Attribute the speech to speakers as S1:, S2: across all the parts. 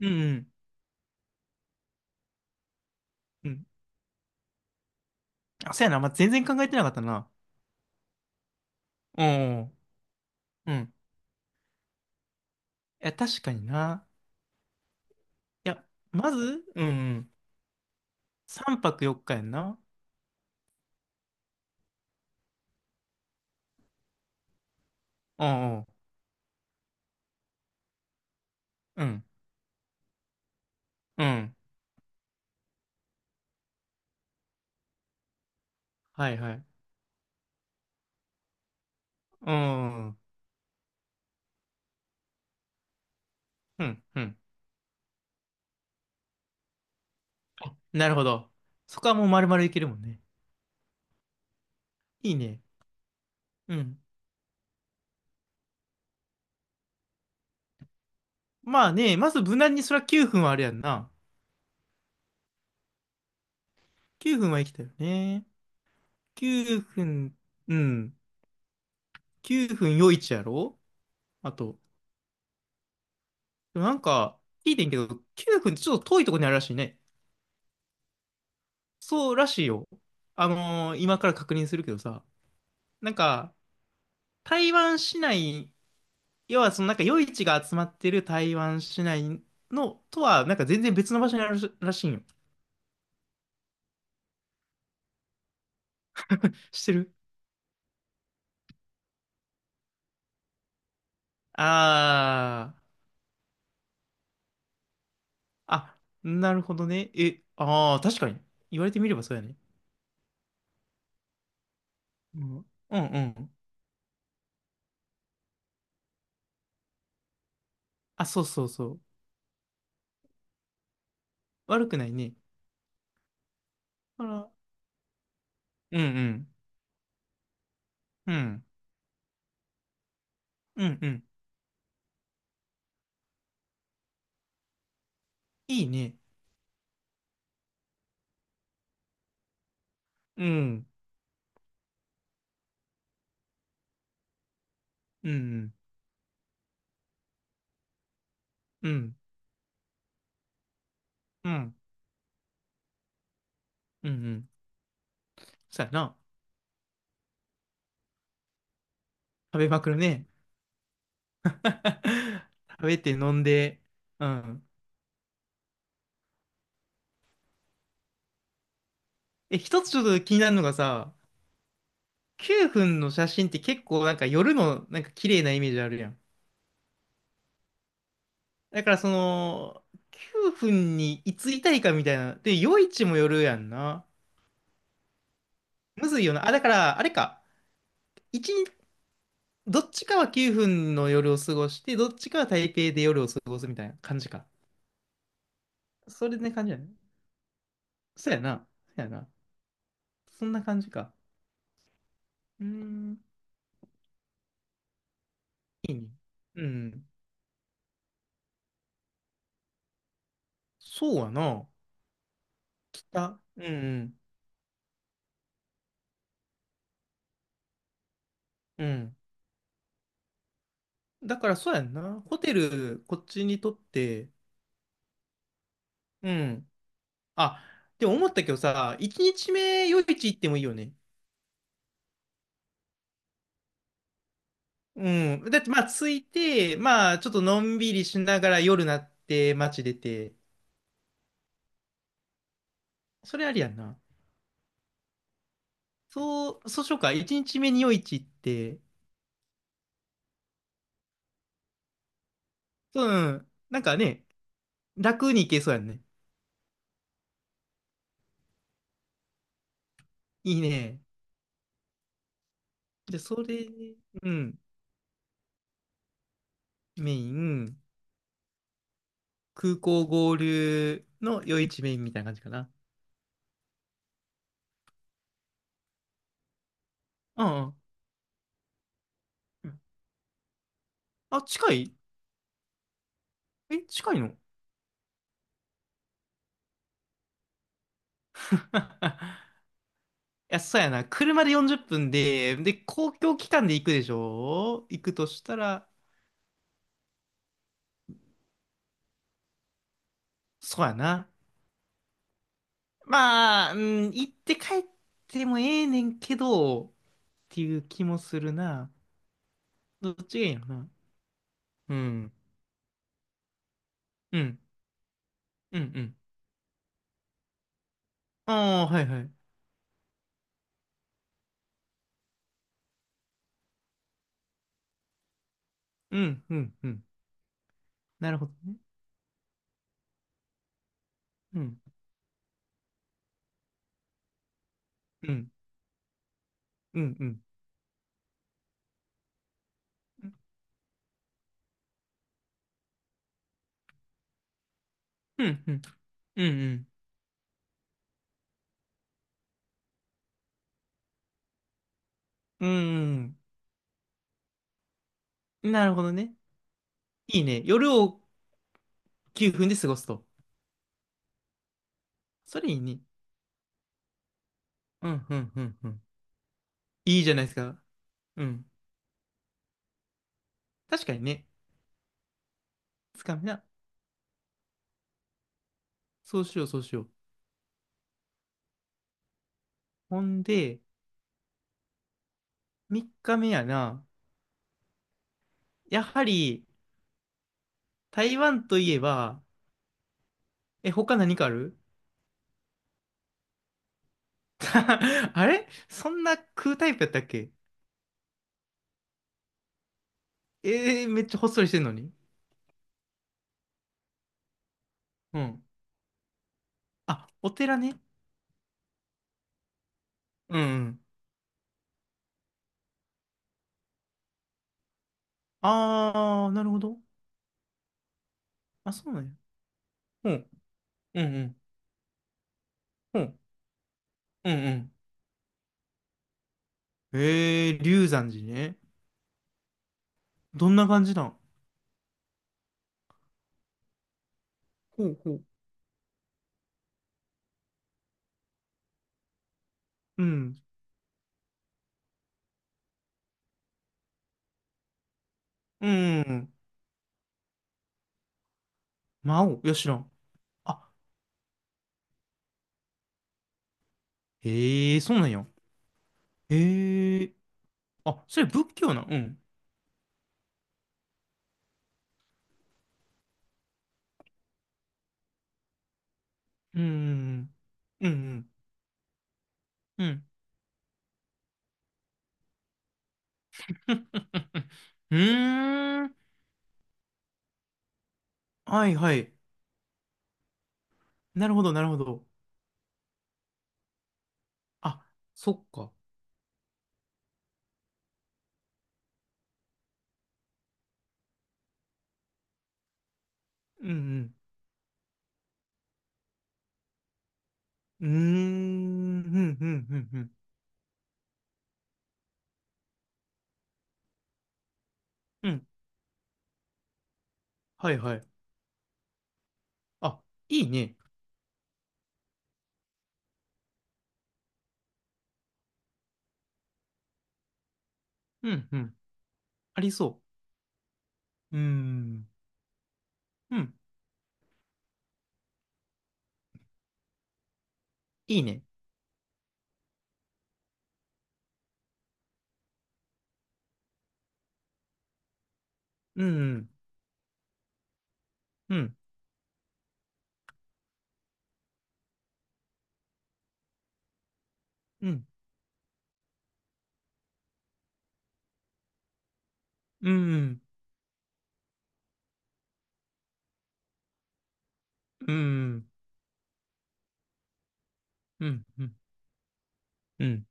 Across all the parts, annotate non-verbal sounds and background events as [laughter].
S1: うんうんうん。あ、そうやな。まあ、全然考えてなかったな。うん。うん。いや、確かにな。いや、まず、うんうん。3泊4日やんな。うんうん。うん。うん。はいはい。うん。うん。うん。なるほど。そこはもう丸々いけるもんね。いいね。うん。まあね、まず無難にそりゃ9分はあれやんな。9分は生きたよね。9分、うん。9分いちやろあと。でもなんか、聞いてんけど、9分ってちょっと遠いとこにあるらしいね。そうらしいよ。今から確認するけどさ、なんか、台湾市内、要はそのなんか夜市が集まってる台湾市内のとは、なんか全然別の場所にあるらしいんよ。知ってる。あー、あ、なるほどね。え、ああ、確かに。言われてみればそうやね。うん、うん、うん。あ、そうそうそう。悪くないね。あら、うん、うん、うん、うん、うん。いいね。うん、うん、うん、うん、うん、うん。うん、そうやな。食べまくるね。[laughs] 食べて飲んで、うん。え、一つちょっと気になるのがさ、9分の写真って結構なんか夜のなんか綺麗なイメージあるやん。だからその、9分にいついたいかみたいな。で、夜市もよるやんな。むずいよな。あ、だから、あれか。一日、どっちかは9分の夜を過ごして、どっちかは台北で夜を過ごすみたいな感じか。それで感じやね。そうやな。そうやな。そんな感じか。うーん。いいね。うん。そうやな。北。うんうん。うん。だからそうやんな。ホテル、こっちにとって、うん。あ、でも思ったけどさ、1日目夜市行ってもいいよね。うん。だってまあ着いて、まあちょっとのんびりしながら夜なって街出て、それありやんな。そう、そうしようか。1日目に夜市行って、うん。なんかね、楽に行けそうやんね。いいね。じゃあそれ、うん。メイン。空港合流の夜市メインみたいな感じかな。うんうん。あ、近い。え、近いの？ [laughs] いや、そうやな。車で40分で、で、公共機関で行くでしょ、行くとしたら、そうやな。まあ、うん、行って帰ってもええねんけど、っていう気もするな。どっちがいいのかな。うん。うん。うん。うん。ああ、はいはい。うん。うん。うん。なるほどね。うん。うん。うん。うん。うん。うん。うん。うん。うーん。なるほどね。いいね。夜を9分で過ごすと。それいいね。うん、うん、うん、うん。いいじゃないですか。うん。確かにね。つかみな。そうしよう、そうしよう。ほんで、3日目やな。やはり、台湾といえば、え、他何かある？ [laughs] あれそんな食うタイプやったっけ？えー、めっちゃほっそりしてんのに。うん。あ、お寺ね。うん、うん。あー、なるほど。あ、そうなんや。うん、うん、うん。うん、うん、うん。えー、龍山寺ね。どんな感じなん？ほうほう。うん。うん。うん。魔王。いや、知らん。あ、ええー、そうなんや。ええー。あ、それ仏教なん？うん。うん。うん。うん。うん。[laughs] うーん。はいはい。なるほど、なるほど。あ、そっか。うんうん。うーん。うん、うん、うん、うん。うん。はいはい。あ、いいね。うん、うん。ありそう。うーん。うん。いいね。うんうん。うん、うん、うん、うん、うん、うん、うん、うん、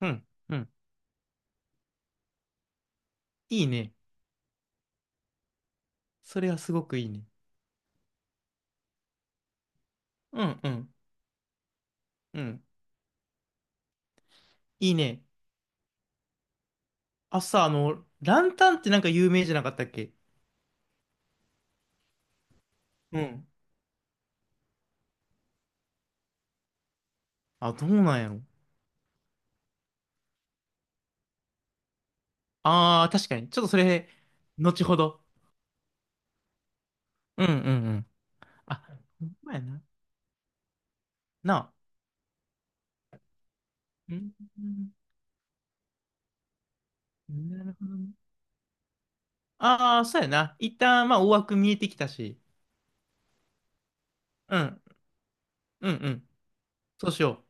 S1: うん、うん。いいね。それはすごくいいね。うん、うん、うん。いいね。あ、さ、あの、ランタンってなんか有名じゃなかったっけ？うん。あ、どうなんやろ。ああ、確かに。ちょっとそれ、後ほど。うん、うん、うん。あ、ほんまやな。なあ。うん、うん、なるほどね。ああ、そうやな。一旦、まあ、大枠見えてきたし。うん、うん、うん。そうしよう。